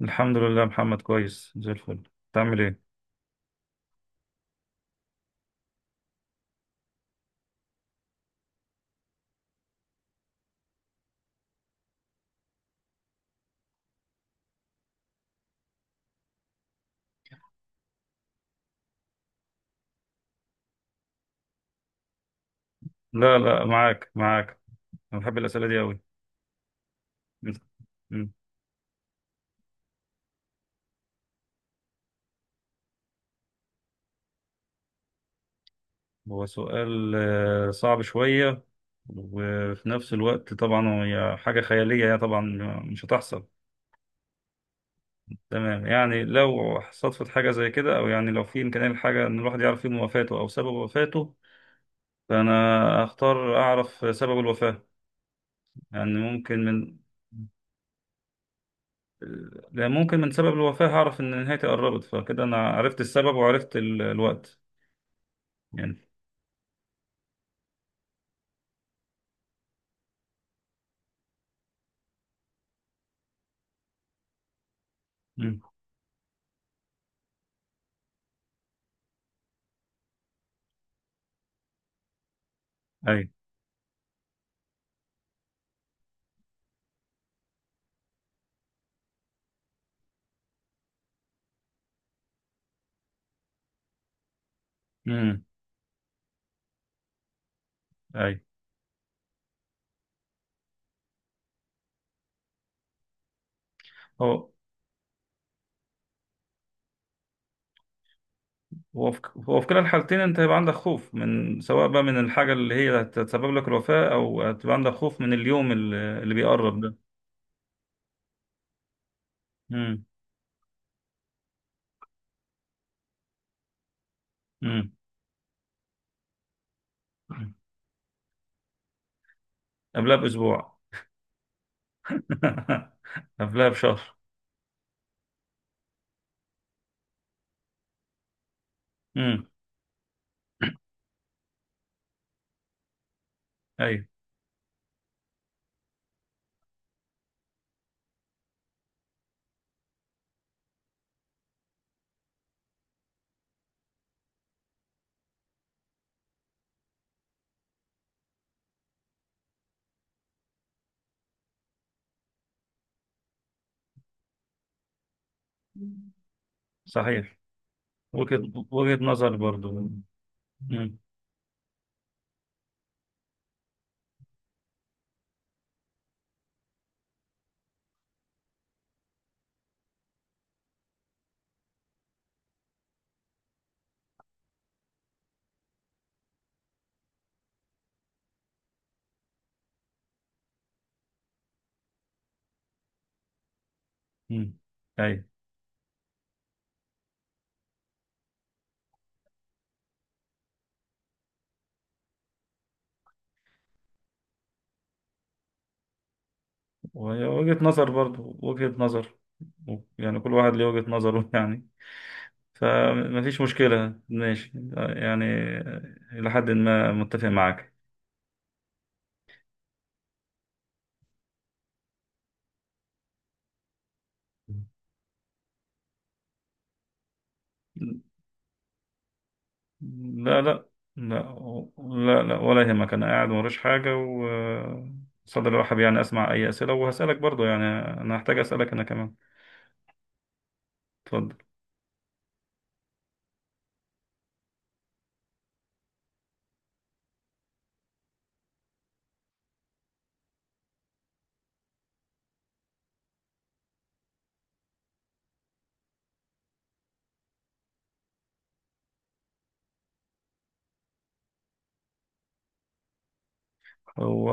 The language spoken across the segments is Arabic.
الحمد لله، محمد كويس زي الفل. تعمل ايه؟ لا لا، معاك معاك. انا بحب الاسئله دي قوي. هو سؤال صعب شويه، وفي نفس الوقت طبعا هي حاجه خياليه، يعني طبعا مش هتحصل. تمام، يعني لو صدفت حاجه زي كده، او يعني لو في امكانيه لحاجه ان الواحد يعرف يوم وفاته او سبب وفاته، فانا اختار اعرف سبب الوفاه. يعني ممكن من لأن ممكن من سبب الوفاة هعرف إن نهايتي قربت، فكده أنا عرفت السبب وعرفت الوقت يعني. مم. أي. مم. أي. هو هو في كلا الحالتين أنت هيبقى عندك خوف، من سواء بقى من الحاجة اللي هي هتسبب لك الوفاة، أو هتبقى عندك خوف من اليوم اللي بيقرب ده. مم. مم. مم. قبلها بأسبوع. قبلها بشهر. مم. أي. صحيح. وجهة نظر برضو. مم. مم. أي. وهي وجهة نظر، برضو وجهة نظر، يعني كل واحد ليه وجهة نظره. يعني فمفيش مشكلة، ماشي يعني. إلى حد ما متفق معاك. لا لا لا. لا لا، ولا يهمك، أنا قاعد موريش حاجة، و صدر رحب، يعني أسمع أي أسئلة، وهسألك برضو يعني أنا هحتاج أسألك أنا كمان. اتفضل. هو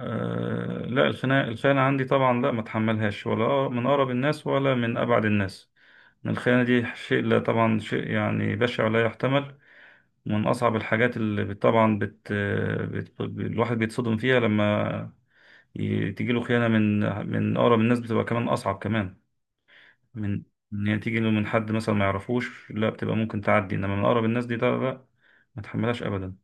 آه، لا، الخناقة عندي، طبعا لا، ما اتحملهاش، ولا من أقرب الناس ولا من أبعد الناس. الخيانة دي شيء، لا طبعا شيء يعني بشع ولا يحتمل. من أصعب الحاجات اللي الواحد بيتصدم فيها لما تجيله خيانة من أقرب الناس، بتبقى كمان أصعب، كمان من إن هي تيجي له من حد مثلا ما يعرفوش، لا، بتبقى ممكن تعدي، إنما من أقرب الناس دي ده لا، ما تحملهاش أبدا.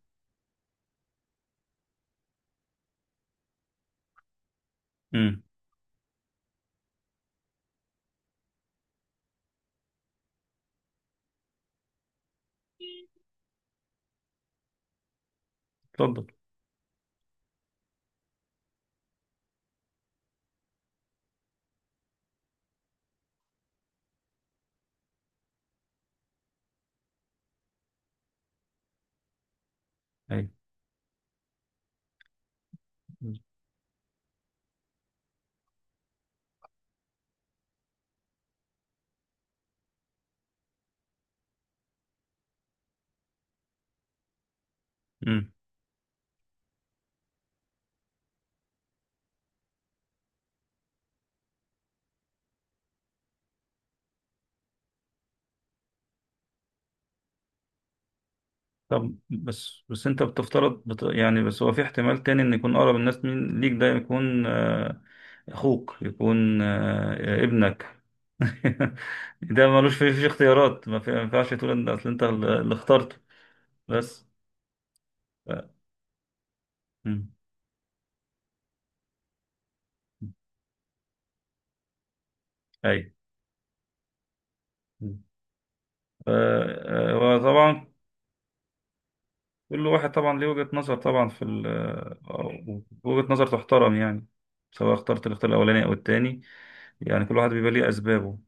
امم. اتفضل. أيوة. امم. طب بس أنت بتفترض يعني بس هو في احتمال تاني، إن يكون أقرب الناس مين ليك ده، يكون أخوك، يكون ابنك. ده ملوش فيه اختيارات، ما ينفعش تقول إن أصل أنت اللي اخترته. بس ف... مم. أي. ف- آه، وطبعا كل واحد طبعا ليه وجهة نظر، طبعا في ال... آه، وجهة نظر تحترم يعني، سواء اخترت الاختيار الأولاني أو التاني، يعني كل واحد بيبقى ليه أسبابه.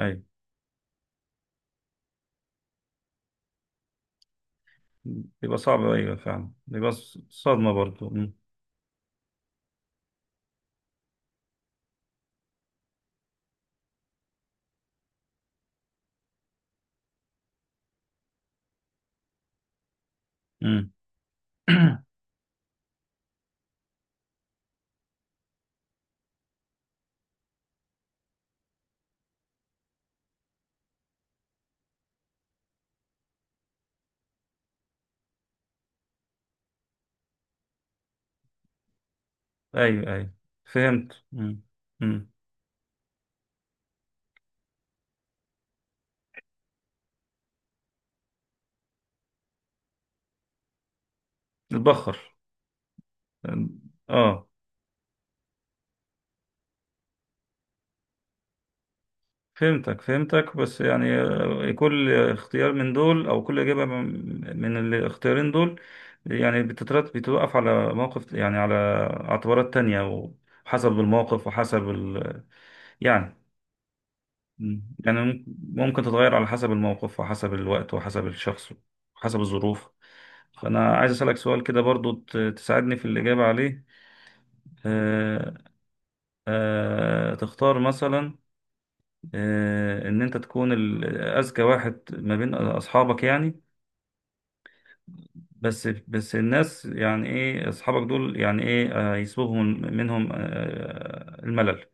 أي. بيبقى صعب، أيوة فعلا بيبقى صدمة برضو. مم. مم. أيوة أيوة فهمت. مم. مم. تتبخر. اه. فهمتك فهمتك، بس يعني كل اختيار من دول، او كل اجابه من الاختيارين دول، يعني بتترتب، بتوقف على موقف، يعني على اعتبارات تانية، وحسب الموقف وحسب ال... يعني مم. يعني مم- ممكن تتغير على حسب الموقف وحسب الوقت وحسب الشخص وحسب الظروف. فانا عايز اسالك سؤال كده برضو تساعدني في الاجابه عليه. آه. آه تختار مثلا، آه، ان انت تكون اذكى واحد ما بين اصحابك يعني، بس الناس يعني ايه اصحابك دول، يعني ايه، يسبوهم منهم الملل،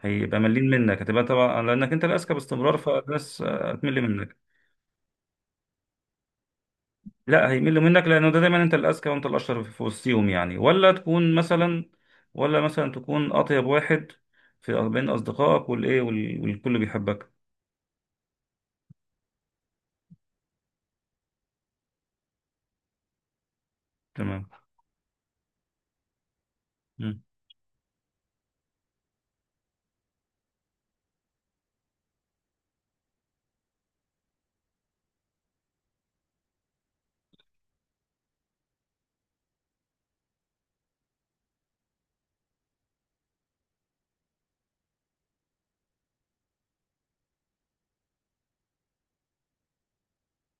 هيبقى ملين منك، هتبقى طبعا لانك انت الاذكى باستمرار، فالناس هتمل منك. لا هيملوا منك، لانه ده دايما انت الاذكى وانت الاشطر في وسطيهم، يعني ولا تكون مثلا، ولا مثلا تكون اطيب واحد في بين اصدقائك، والكل بيحبك. تمام. مم.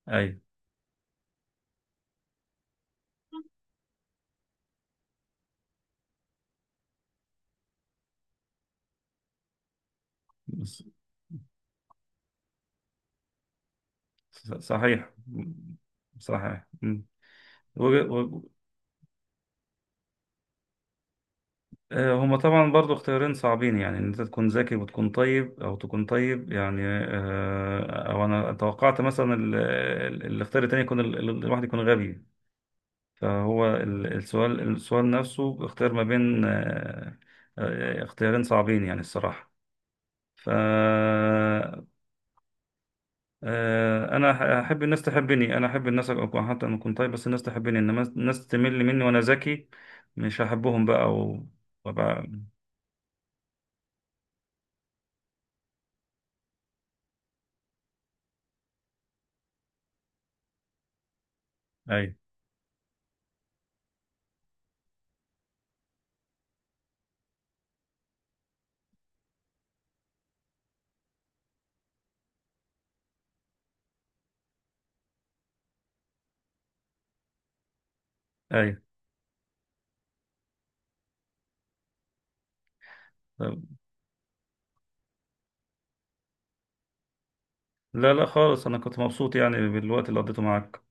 ايوه. صحيح. صحيح. مم. وج- و- آه، هما طبعا برضو اختيارين صعبين، يعني ان انت تكون ذكي وتكون طيب، او تكون طيب يعني، او انا توقعت مثلا الاختيار التاني يكون الواحد يكون غبي. فهو السؤال نفسه اختيار ما بين اختيارين صعبين يعني الصراحة. ف آه، انا احب الناس تحبني، انا احب الناس ابقى، حتى انا كنت طيب بس الناس تحبني، انما الناس تمل مني وانا ذكي، مش هحبهم بقى وابقى. اي. اي. طب. لا لا خالص، انا كنت مبسوط يعني بالوقت اللي قضيته معاك.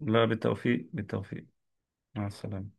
لا، بالتوفيق بالتوفيق. مع السلامة.